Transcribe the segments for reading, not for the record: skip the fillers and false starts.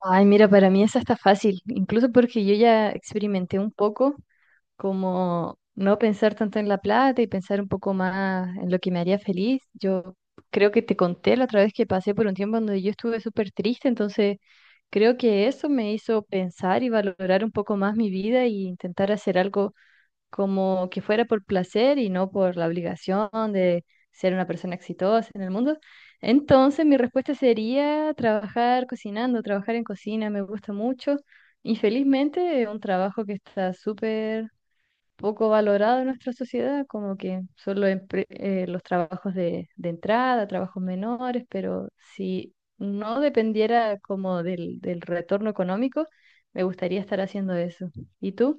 Ay, mira, para mí esa está fácil, incluso porque yo ya experimenté un poco como no pensar tanto en la plata y pensar un poco más en lo que me haría feliz. Yo creo que te conté la otra vez que pasé por un tiempo donde yo estuve súper triste, entonces creo que eso me hizo pensar y valorar un poco más mi vida y intentar hacer algo como que fuera por placer y no por la obligación de ser una persona exitosa en el mundo. Entonces, mi respuesta sería trabajar cocinando, trabajar en cocina, me gusta mucho. Infelizmente, es un trabajo que está súper poco valorado en nuestra sociedad, como que solo los trabajos de entrada, trabajos menores, pero si no dependiera como del retorno económico, me gustaría estar haciendo eso. ¿Y tú?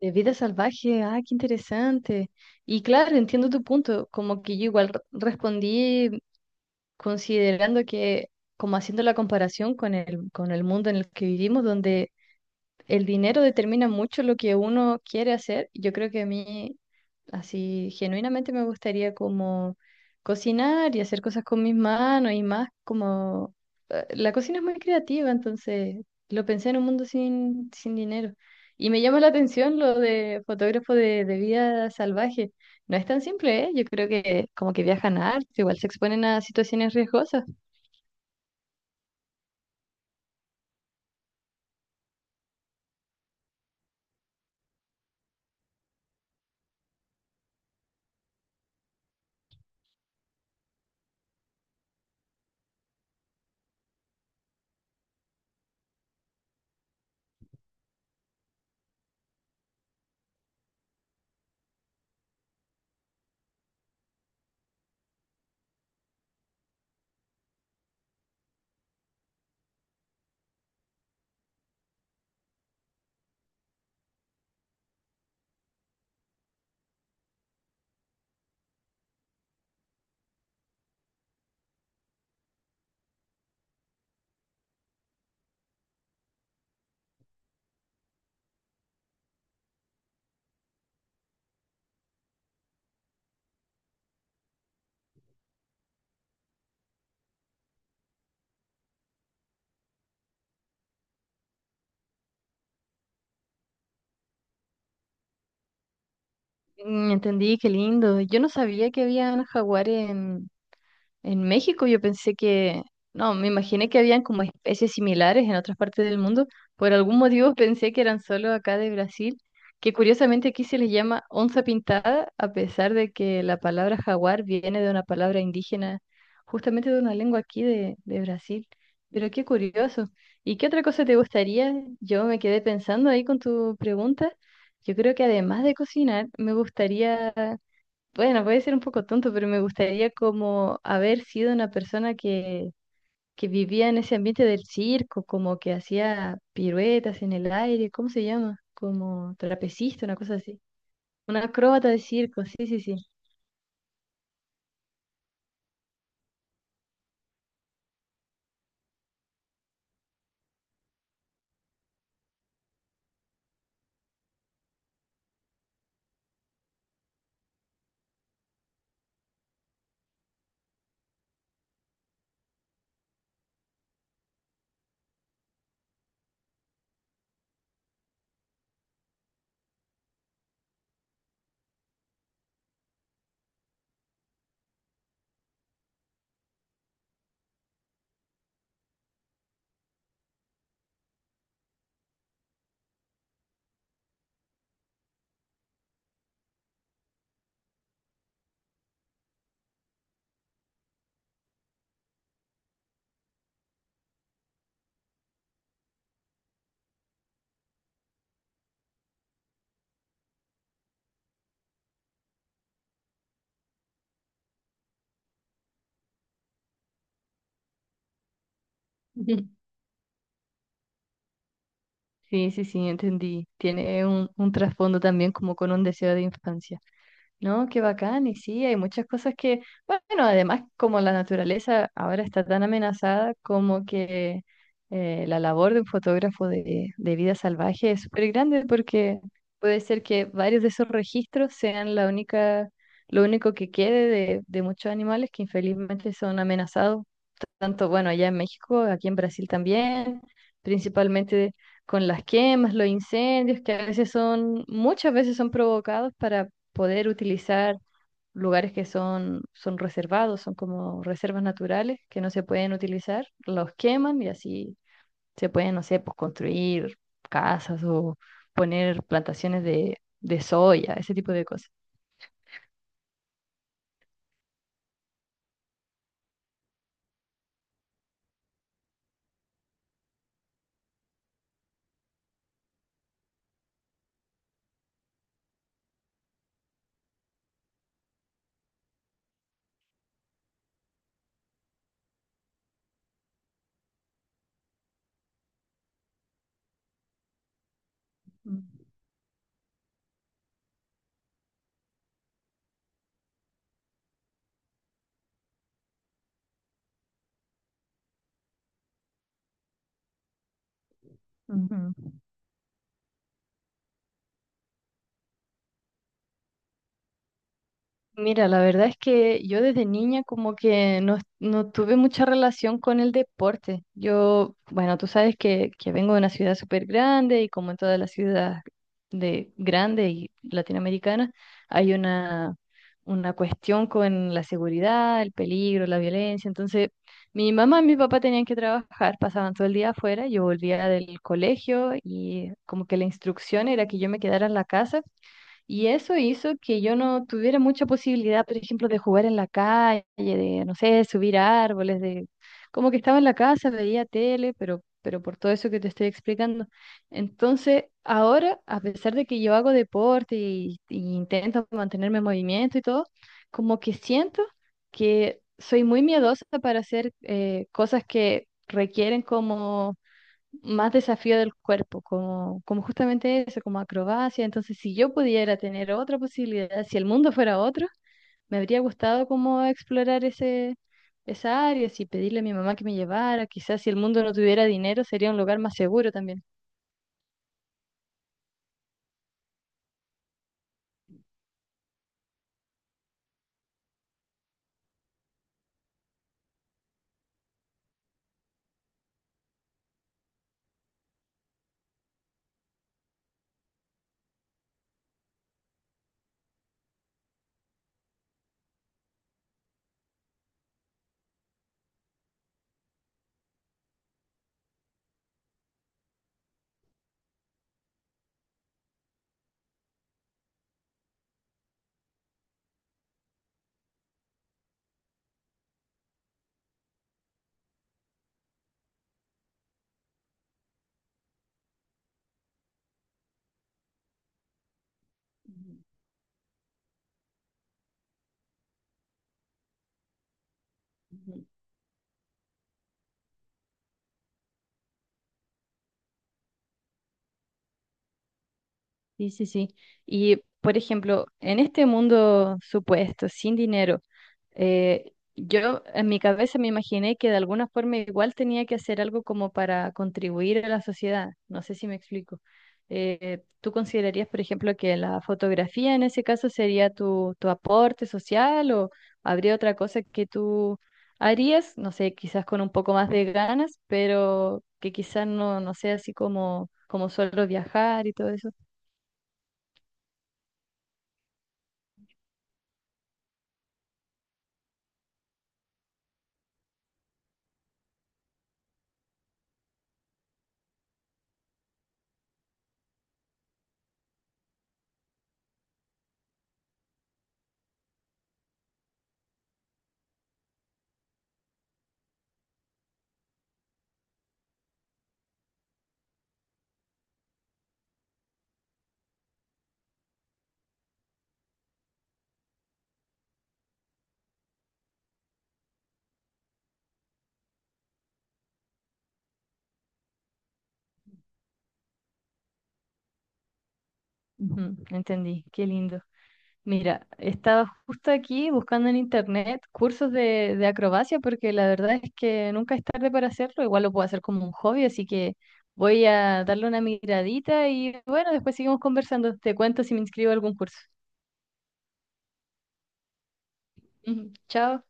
De vida salvaje, ah, qué interesante. Y claro, entiendo tu punto, como que yo igual respondí considerando que, como haciendo la comparación con el mundo en el que vivimos, donde el dinero determina mucho lo que uno quiere hacer. Yo creo que a mí, así, genuinamente me gustaría como cocinar y hacer cosas con mis manos y más como la cocina es muy creativa, entonces lo pensé en un mundo sin dinero. Y me llama la atención lo de fotógrafo de vida salvaje. No es tan simple, ¿eh? Yo creo que como que viajan harto, igual se exponen a situaciones riesgosas. Mm, entendí, qué lindo. Yo no sabía que habían jaguares en México. Yo pensé que, no, me imaginé que habían como especies similares en otras partes del mundo. Por algún motivo pensé que eran solo acá de Brasil, que curiosamente aquí se les llama onza pintada, a pesar de que la palabra jaguar viene de una palabra indígena, justamente de una lengua aquí de Brasil. Pero qué curioso. ¿Y qué otra cosa te gustaría? Yo me quedé pensando ahí con tu pregunta. Yo creo que además de cocinar, me gustaría, bueno, puede ser un poco tonto, pero me gustaría como haber sido una persona que vivía en ese ambiente del circo, como que hacía piruetas en el aire, ¿cómo se llama? Como trapecista, una cosa así. Una acróbata de circo, sí, sí, sí. Sí, sí, sí, entendí. Tiene un trasfondo también como con un deseo de infancia. No, qué bacán, y sí, hay muchas cosas que, bueno, además como la naturaleza ahora está tan amenazada, como que la labor de un fotógrafo de vida salvaje es súper grande porque puede ser que varios de esos registros sean la única, lo único que quede de muchos animales que infelizmente son amenazados tanto, bueno, allá en México, aquí en Brasil también, principalmente con las quemas, los incendios, que a veces son, muchas veces son provocados para poder utilizar lugares que son, son reservados, son como reservas naturales que no se pueden utilizar, los queman y así se pueden, no sé, pues construir casas o poner plantaciones de soya, ese tipo de cosas. Mm, ujú. Mira, la verdad es que yo desde niña como que no, no tuve mucha relación con el deporte. Yo, bueno, tú sabes que vengo de una ciudad súper grande y como en todas las ciudades de grande y latinoamericana, hay una cuestión con la seguridad, el peligro, la violencia. Entonces, mi mamá y mi papá tenían que trabajar, pasaban todo el día afuera, yo volvía del colegio y como que la instrucción era que yo me quedara en la casa y eso hizo que yo no tuviera mucha posibilidad, por ejemplo, de jugar en la calle, de, no sé, subir a árboles, de, como que estaba en la casa, veía tele, pero por todo eso que te estoy explicando. Entonces, ahora, a pesar de que yo hago deporte y intento mantenerme en movimiento y todo, como que siento que soy muy miedosa para hacer cosas que requieren como más desafío del cuerpo, como, como justamente eso, como acrobacia. Entonces, si yo pudiera tener otra posibilidad, si el mundo fuera otro, me habría gustado como explorar ese, esa área, si pedirle a mi mamá que me llevara, quizás si el mundo no tuviera dinero, sería un lugar más seguro también. Sí, sí, sí. Y, por ejemplo, en este mundo supuesto, sin dinero, yo en mi cabeza me imaginé que de alguna forma igual tenía que hacer algo como para contribuir a la sociedad. No sé si me explico. ¿Tú considerarías, por ejemplo, que la fotografía en ese caso sería tu, tu aporte social o habría otra cosa que tú harías? No sé, quizás con un poco más de ganas, pero que quizás no, no sea así como, como solo viajar y todo eso. Ujú, entendí, qué lindo. Mira, estaba justo aquí buscando en internet cursos de acrobacia porque la verdad es que nunca es tarde para hacerlo, igual lo puedo hacer como un hobby, así que voy a darle una miradita y bueno, después seguimos conversando. Te cuento si me inscribo a algún curso. Ujú, chao.